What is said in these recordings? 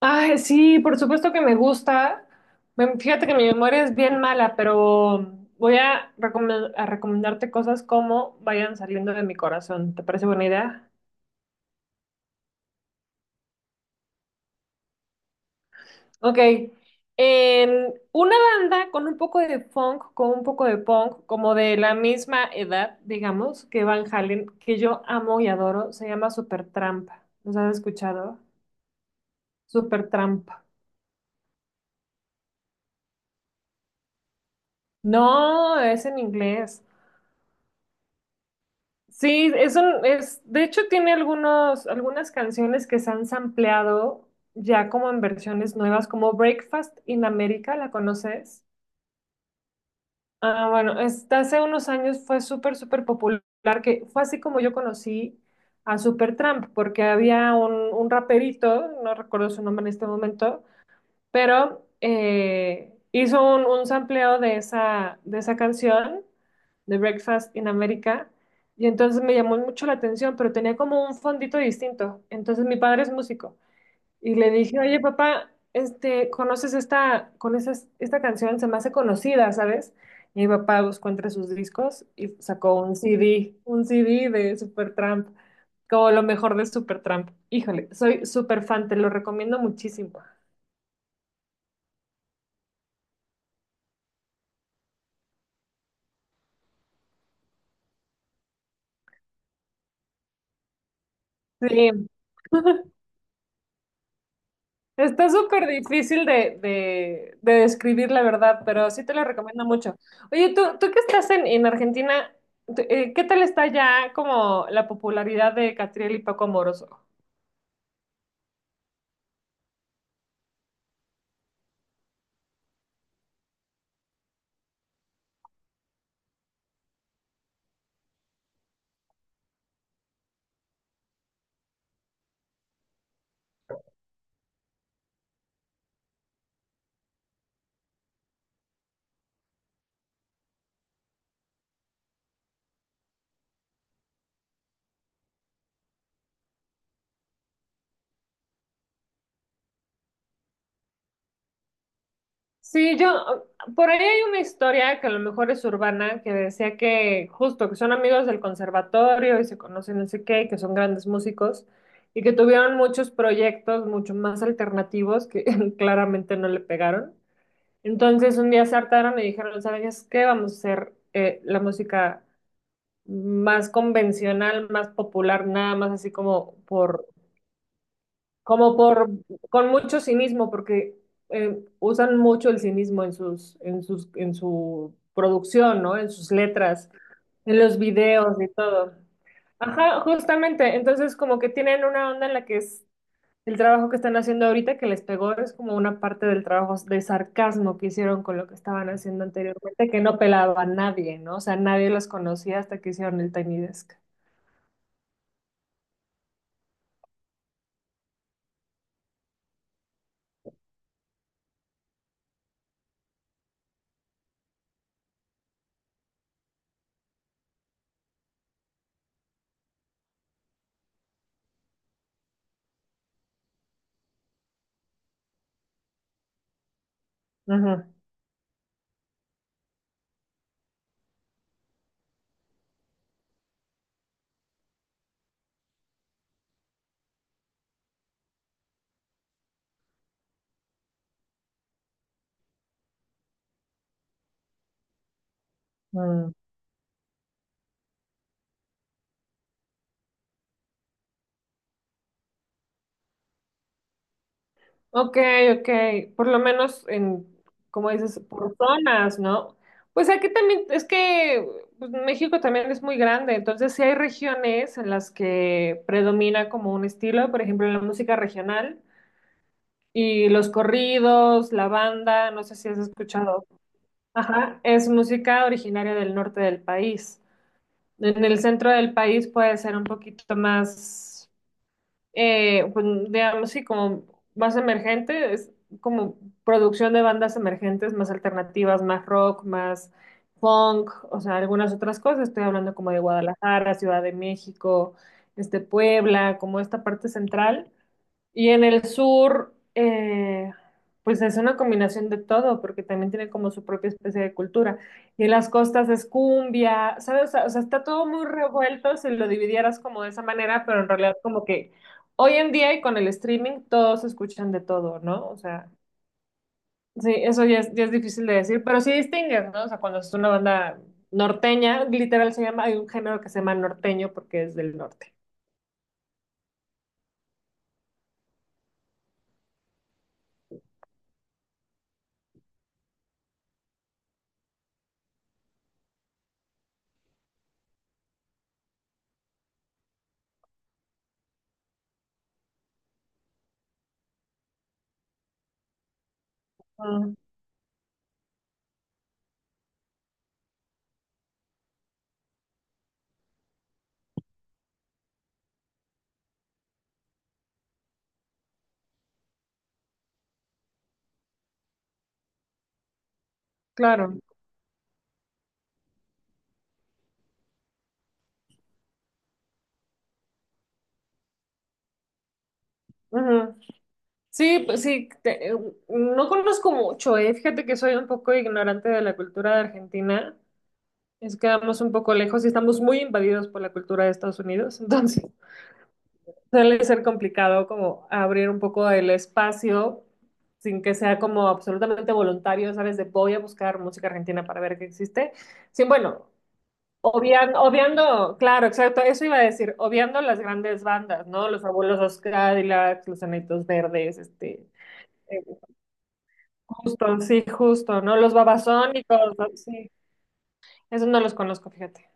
Ay, sí, por supuesto que me gusta. Fíjate que mi memoria es bien mala, pero voy a recomendarte cosas como vayan saliendo de mi corazón. ¿Te parece buena idea? Ok. Una banda con un poco de funk, con un poco de punk, como de la misma edad, digamos, que Van Halen, que yo amo y adoro, se llama Supertramp. ¿Los has escuchado? Supertramp. No, es en inglés. Sí, es, de hecho tiene algunas canciones que se han sampleado ya como en versiones nuevas, como Breakfast in America, ¿la conoces? Ah, bueno, esta hace unos años fue súper, súper popular, que fue así como yo conocí a Supertramp, porque había un raperito, no recuerdo su nombre en este momento, pero hizo un sampleo de de esa canción, de Breakfast in America, y entonces me llamó mucho la atención, pero tenía como un fondito distinto. Entonces mi padre es músico, y le dije, oye papá, este, ¿conoces esta canción? Se me hace conocida, ¿sabes? Y mi papá buscó entre sus discos y sacó un CD, un CD de Supertramp, como lo mejor de Supertramp. Híjole, soy super fan, te lo recomiendo muchísimo. Sí. Está súper difícil de, de describir la verdad, pero sí te lo recomiendo mucho. Oye, tú que estás en Argentina, tú, ¿qué tal está ya como la popularidad de Catriel y Paco Amoroso? Sí, yo, por ahí hay una historia que a lo mejor es urbana, que decía que justo que son amigos del conservatorio y se conocen no sé qué, y que son grandes músicos y que tuvieron muchos proyectos mucho más alternativos que claramente no le pegaron. Entonces un día se hartaron y dijeron, ¿sabes qué? Vamos a hacer la música más convencional, más popular, nada más así como por, con mucho cinismo, porque usan mucho el cinismo en en su producción, ¿no? En sus letras, en los videos y todo. Ajá, justamente. Entonces como que tienen una onda en la que es el trabajo que están haciendo ahorita que les pegó es como una parte del trabajo de sarcasmo que hicieron con lo que estaban haciendo anteriormente, que no pelaba a nadie, ¿no? O sea, nadie los conocía hasta que hicieron el Tiny Desk. Ujú. Mm. Ok, ok, por lo menos en, como dices, por zonas, ¿no? Pues aquí también, es que pues, México también es muy grande, entonces sí hay regiones en las que predomina como un estilo, por ejemplo, la música regional y los corridos, la banda, no sé si has escuchado. Ajá, es música originaria del norte del país. En el centro del país puede ser un poquito más pues, digamos, sí, como más emergente, es como producción de bandas emergentes, más alternativas, más rock, más funk, o sea, algunas otras cosas. Estoy hablando como de Guadalajara, Ciudad de México, este, Puebla, como esta parte central. Y en el sur, pues es una combinación de todo, porque también tiene como su propia especie de cultura. Y en las costas es cumbia, ¿sabes? O sea, está todo muy revuelto si lo dividieras como de esa manera, pero en realidad como que hoy en día y con el streaming todos escuchan de todo, ¿no? O sea, sí, eso ya ya es difícil de decir, pero sí distingues, ¿no? O sea, cuando es una banda norteña, literal se llama, hay un género que se llama norteño porque es del norte. Ah, claro. Ujú. Sí, pues sí, no conozco mucho, eh. Fíjate que soy un poco ignorante de la cultura de Argentina. Es que vamos un poco lejos y estamos muy invadidos por la cultura de Estados Unidos. Entonces, suele ser complicado como abrir un poco el espacio sin que sea como absolutamente voluntario, ¿sabes? De voy a buscar música argentina para ver qué existe. Sí, bueno, obviando, claro, exacto, eso iba a decir, obviando las grandes bandas, ¿no? Los Fabulosos Cadillacs, Los Enanitos Verdes, eh, Justo, sí, justo, ¿no? Los babasónicos, ¿no? Sí, eso no los conozco, fíjate.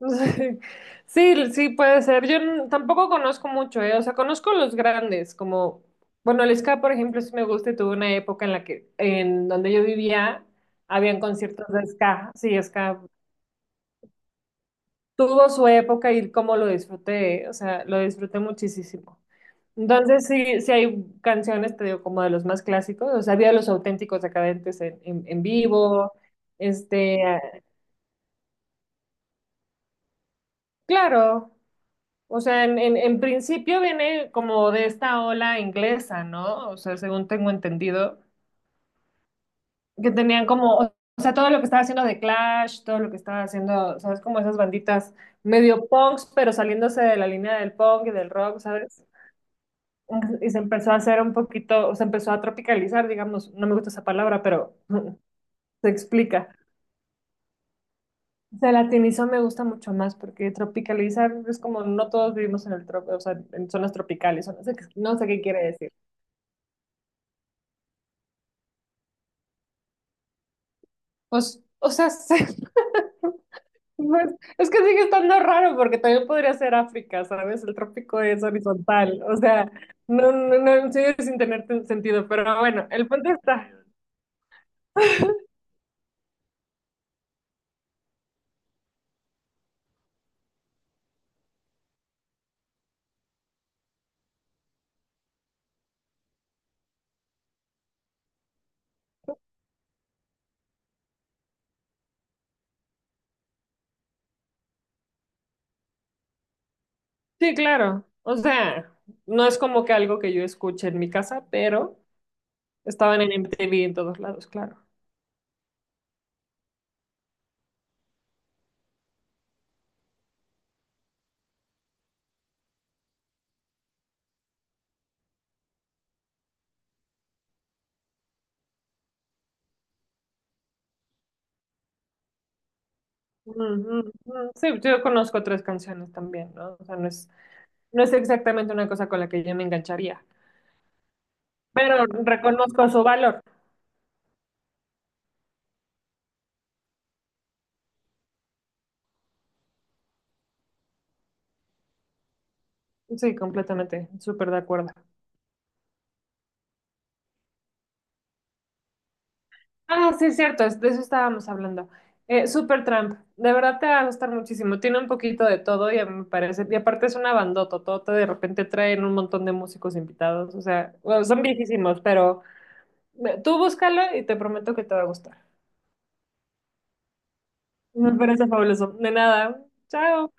Sí, sí, puede ser. Tampoco conozco mucho, ¿eh? O sea, conozco los grandes, como, bueno, el ska, por ejemplo, sí me gusta y tuve una época en la que, en donde yo vivía, habían conciertos de ska, sí, ska. Tuvo su época y cómo lo disfruté, o sea, lo disfruté muchísimo. Entonces, sí, sí hay canciones, te digo, como de los más clásicos, o sea, había los auténticos decadentes en vivo, este, claro, o sea, en principio viene como de esta ola inglesa, ¿no? O sea, según tengo entendido, que tenían como, o sea, todo lo que estaba haciendo de Clash, todo lo que estaba haciendo, ¿sabes? Como esas banditas medio punks, pero saliéndose de la línea del punk y del rock, ¿sabes? Y se empezó a hacer un poquito, o se empezó a tropicalizar, digamos, no me gusta esa palabra, pero se explica. Se latinizó me gusta mucho más porque tropicalizar es como no todos vivimos en el trop, o sea, en zonas tropicales, o no sé qué, no sé qué quiere decir. Pues, o sea, pues, es que sigue estando raro porque también podría ser África, ¿sabes? El trópico es horizontal, o sea, no, sigue sin tener sentido, pero bueno, el punto está. Sí, claro, o sea, no es como que algo que yo escuche en mi casa, pero estaban en MTV en todos lados, claro. Mm, mm, mm. Sí, yo conozco otras canciones también, ¿no? O sea, no es, no es exactamente una cosa con la que yo me engancharía, pero reconozco su valor. Sí, completamente, súper de acuerdo. Ah, sí, es cierto, de eso estábamos hablando. Supertramp, de verdad te va a gustar muchísimo, tiene un poquito de todo y a mí me parece, y aparte es una bandota, de repente traen un montón de músicos invitados, o sea, bueno, son viejísimos, pero tú búscalo y te prometo que te va a gustar. Me parece fabuloso. De nada, chao.